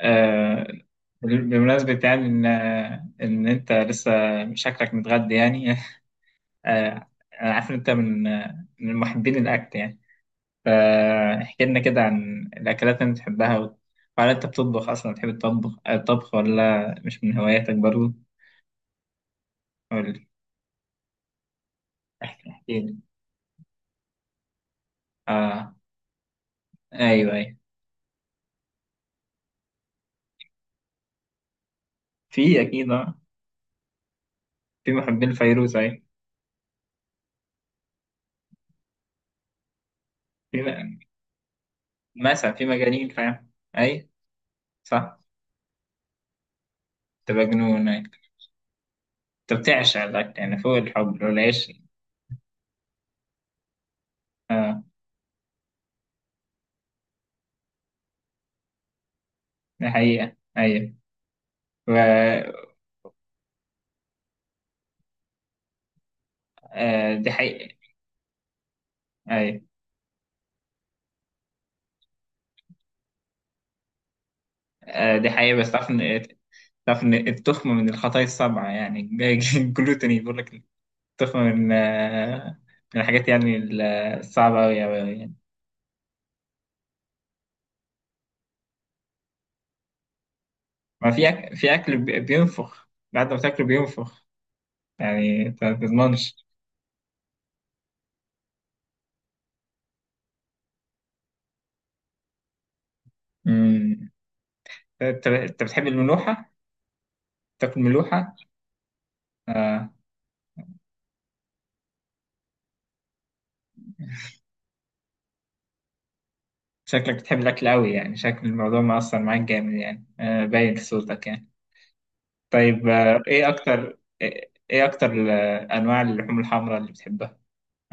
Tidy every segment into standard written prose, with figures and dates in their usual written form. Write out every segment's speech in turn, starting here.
آه، بمناسبة يعني إن أنت لسه شكلك متغدى يعني. آه، أنا عارف إن أنت من محبين الأكل يعني. فاحكي لنا كده عن الأكلات اللي أنت بتحبها وهل أنت بتطبخ أصلا؟ بتحب الطبخ ولا مش من هواياتك برضه ولا؟ احكي لي. آه، أيوه أيوه، في أكيد. في محبين الفيروز، أيوه. في م- مثلا في مجانين، فاهم. أي، صح، تبقى جنون أيوة. أنت بتعشق الأكل يعني، فوق الحب والعيش. دي حقيقة أيوة. و... آه دي حقيقة أيوة. آه دي حقيقة. بس تعرف إن التخمة من الخطايا السبعة يعني. الجلوتين بيقول لك، التخمة من الحاجات يعني الصعبة أوي أوي أوي يعني. ما في أك... في أكل بينفخ، بعد ما تاكله بينفخ. يعني أنت ما تضمنش. أمم. أنت بتحب الملوحة؟ تاكل ملوحة؟ آه. شكلك بتحب الأكل أوي يعني، شكل الموضوع مأثر معاك جامد يعني، آه باين في صوتك يعني. طيب، ايه اكتر ايه إيه اكتر انواع اللحوم الحمراء اللي بتحبها؟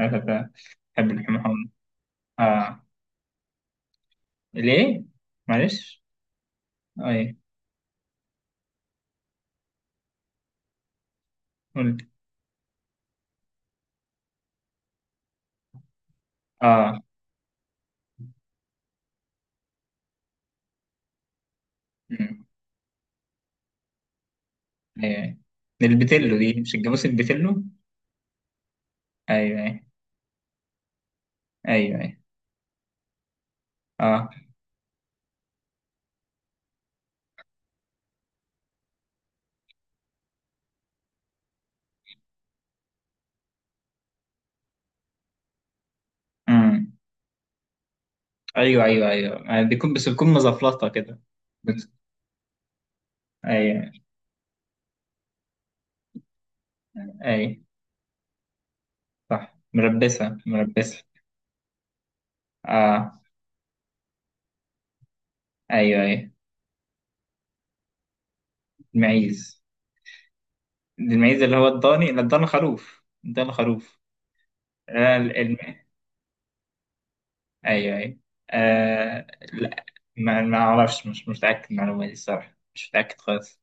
انا بحب، بحب اللحوم الحمراء. اه، ليه؟ معلش. اه، ايه؟ قلت. اه. أمم. ايه؟ البتلو دي مش الجاموس، البتلو. ايوه ايوه. ايوه ايوه. اه. امم. ايوه ايوه ايوه، يعني بيكون، بس بتكون مزفلطه كده. بت- ايوه. ايوه، صح، مربسه. اه. ايوه ايوه. المعيز، المعيز اللي هو الضاني، لا الضان خروف، الضان خروف. آه، الم... ايوه ايوه. آه... لا. ما اعرفش، مش متاكد من المعلومه دي الصراحه، مش متاكد خالص.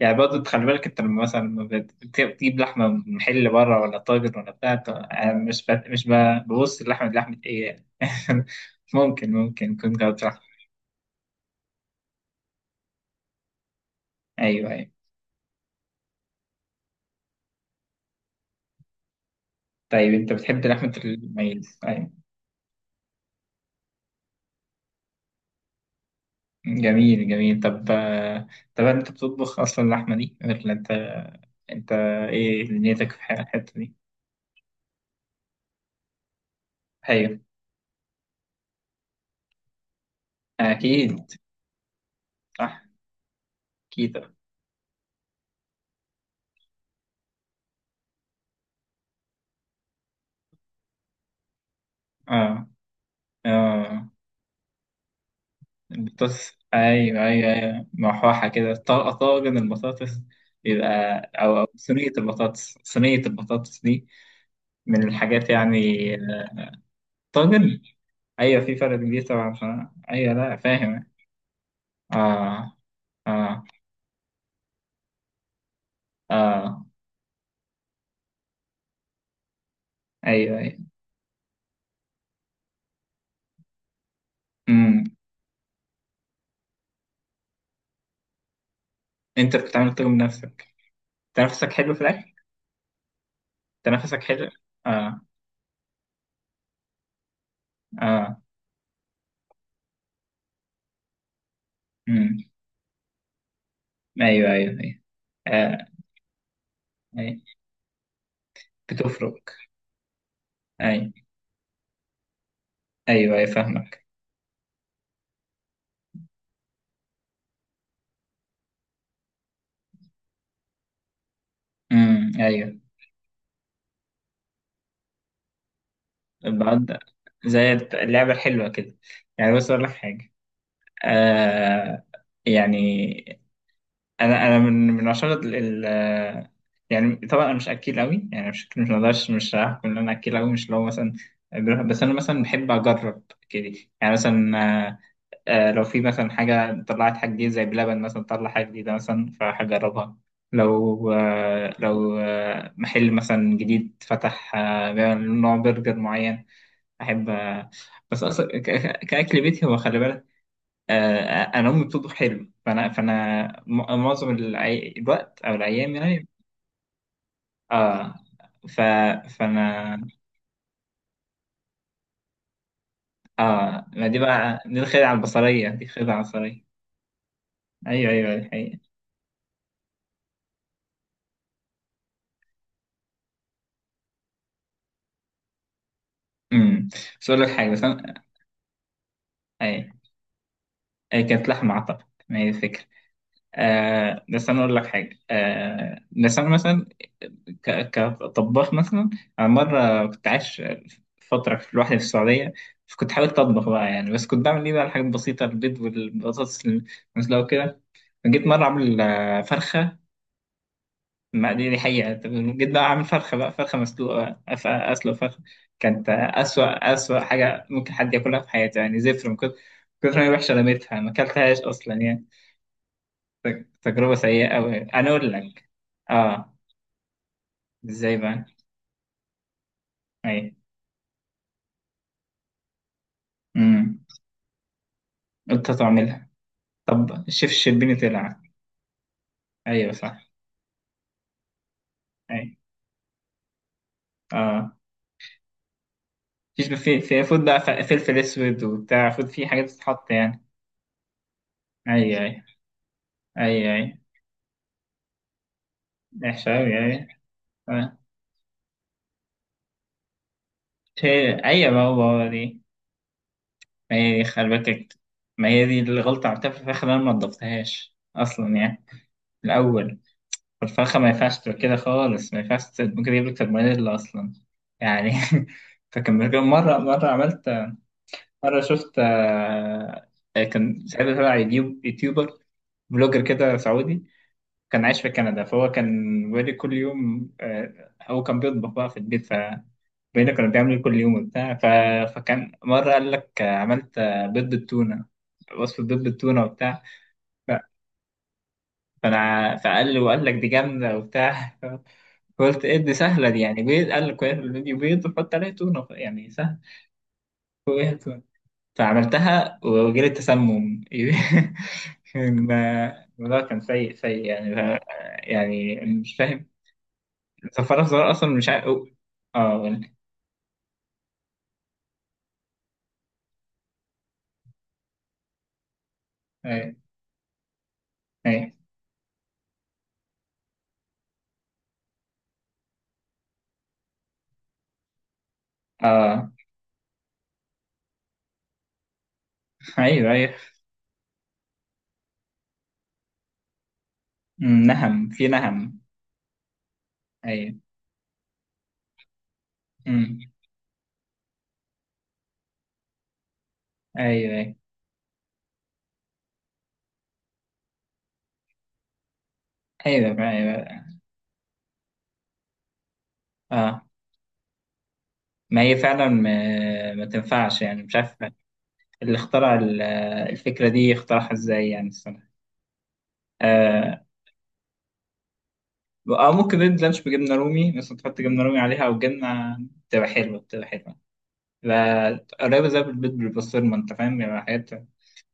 يعني برضه خلي بالك انت، لما مثلا، لما بتجيب لحمه من محل بره، ولا طاجن ولا بتاع، أنا مش ببص اللحمه دي لحمه ايه يعني. ممكن، ممكن يكون جربت لحمه. ايوه ايوه. طيب انت بتحب لحمه الميز، ايوه. جميل جميل. طب طب هل انت بتطبخ اصلا اللحمه دي ولا انت؟ انت، ايه نيتك في الحته دي؟ ايوه، اكيد، صح، كده. اه اه. البطاطس ايوه ايوه ايوه، محوحة كده، طاجن البطاطس يبقى. او، أو صينية البطاطس، صينية البطاطس دي من الحاجات يعني. طاجن. ايوه في فرق كبير طبعا. ايوه، لا فاهم. اه اه اه. ايوه ايوه. امم. انت بتتعمل طاجن بنفسك؟ تنفسك حلو في الاكل. تنفسك حلو. اه اه. امم، ايوه ايوه ايوه. آه. أيوة. بتفرق. ايوه ايوه ايوه، فاهمك. ايوه. بعد، زي اللعبه الحلوه كده. يعني بص اقول لك حاجه. آه. يعني انا، انا من، من عشرة يعني طبعا انا مش اكيل قوي يعني، مش مقدرش، مش هحكم ان انا اكيل قوي، مش لو مثلا. بس انا مثلا بحب اجرب كده. يعني مثلا، آه لو في مثلا حاجة طلعت، حاجة جديدة زي بلبن مثلا طلع حاجة جديدة مثلا، فهجربها. لو آه، لو آه محل مثلا جديد فتح، آه بيعمل نوع برجر معين، أحب آه. بس أصلا كأكل بيتي، هو خلي بالك آه، أنا أمي بتطبخ حلو، فأنا معظم الوقت أو الأيام يعني. آه ف فأنا آه ما دي بقى، دي الخدعة البصرية، دي خدعة بصرية. أيوه أيوه دي حقيقة. امم، بس أقول لك حاجة، بس أنا، أيوه، كانت لحمة أعتقد، ما هي الفكرة. آه بس أنا أقول لك حاجة، آه بس أنا مثلا كطباخ مثلا، أنا مرة كنت عايش فترة لوحدي في السعودية. فكنت حاولت أطبخ بقى يعني، بس كنت بعمل إيه بقى، الحاجات البسيطة، البيض والبطاطس المسلوقة وكده. جيت مرة أعمل فرخة. ما دي دي حقيقة. جيت بقى أعمل فرخة بقى، فرخة مسلوقة، أسلق فرخة. كانت أسوأ حاجة ممكن حد ياكلها في حياته يعني، زفر من كتر ما هي وحشة، رميتها، ما أكلتهاش أصلا يعني. تجربة سيئة أوي، أنا أقول لك. آه، إزاي بقى؟ أي. أمم. قلت تعملها. طب الشيف الشربيني طلع. أيوه صح. أي آه. فيش في في فود بقى ف- فلفل أسود وبتاع، فود فيه حاجات بتتحط يعني. أيوه أيوه. أيوه أيوه، وحشة أوي أيوه. آه. أيوه، ما هو، هو دي. ما هي دي، خلي بالك. ما هي دي الغلطة عملتها في الفراخ، اللي أنا ما نضفتهاش أصلا يعني الأول. الفرخة ما ينفعش تبقى كده خالص، ما ينفعش ممكن تجيب لك سالمونيلا أصلا يعني. فكان كان مرة مرة عملت، مرة شفت كان ساعتها تبع يوتيوب، يوتيوبر بلوجر كده سعودي، كان عايش في كندا. فهو كان بيقول لي كل يوم، هو كان بيطبخ بقى في البيت، ف بيقول لي كنا بنعمل كل يوم وبتاع. فكان مرة قال لك عملت بيض بالتونة، وصفة بيض بالتونة وبتاع. ف- فأنا فقال لي، وقال لك دي جامدة وبتاع. قلت ايه دي سهلة دي يعني، بيض، قال لك في الفيديو بيض وحط عليه تونة يعني سهل. وإيه، تونة. فعملتها وجالي تسمم. كان الموضوع كان سيء يعني. يعني مش فاهم، صفارة صغيرة أصلا مش عارف اه قولي. ايوه ايوه. اه. ايوه ايوه. أمم، نهم في نهم. ايوه. أمم، ايوه ايوه ايوه ايوه. اه، ما هي فعلا، ما تنفعش يعني، مش عارف. اللي اخترع الفكرة دي اخترعها ازاي يعني؟ آه. ممكن ريد لانش بجبنه رومي مثلا، تحط جبنه رومي عليها او جبنه. بتبقى حلوه. لا قريبه زي البيض بالبسطرمه، انت فاهم يعني. حاجات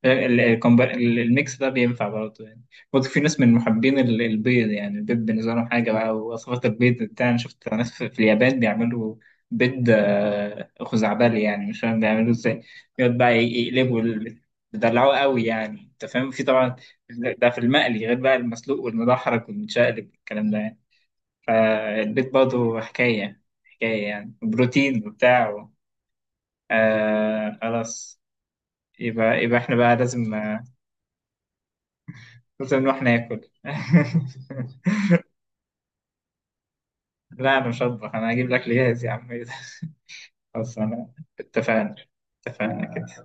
الميكس ده بينفع برضه يعني. برضه في ناس من محبين البيض، يعني البيض بالنسبة لهم حاجة بقى، ووصفات البيض بتاع. أنا شفت ناس في اليابان بيعملوا بيض خزعبلي يعني، مش فاهم بيعملوه ازاي. يقعد بقى بيدلعوه قوي يعني، أنت فاهم، في طبعا ده في المقلي غير بقى المسلوق والمدحرج والمتشقلب والكلام ده يعني. فالبيض برضه حكاية حكاية يعني، بروتين وبتاع. آه خلاص. يبقى احنا بقى لازم بس نروح ناكل. لا انا مش هطبخ، انا هجيب الاكل جاهز يا عم. إيه ده؟ خلاص انا، اتفقنا، اتفقنا كده.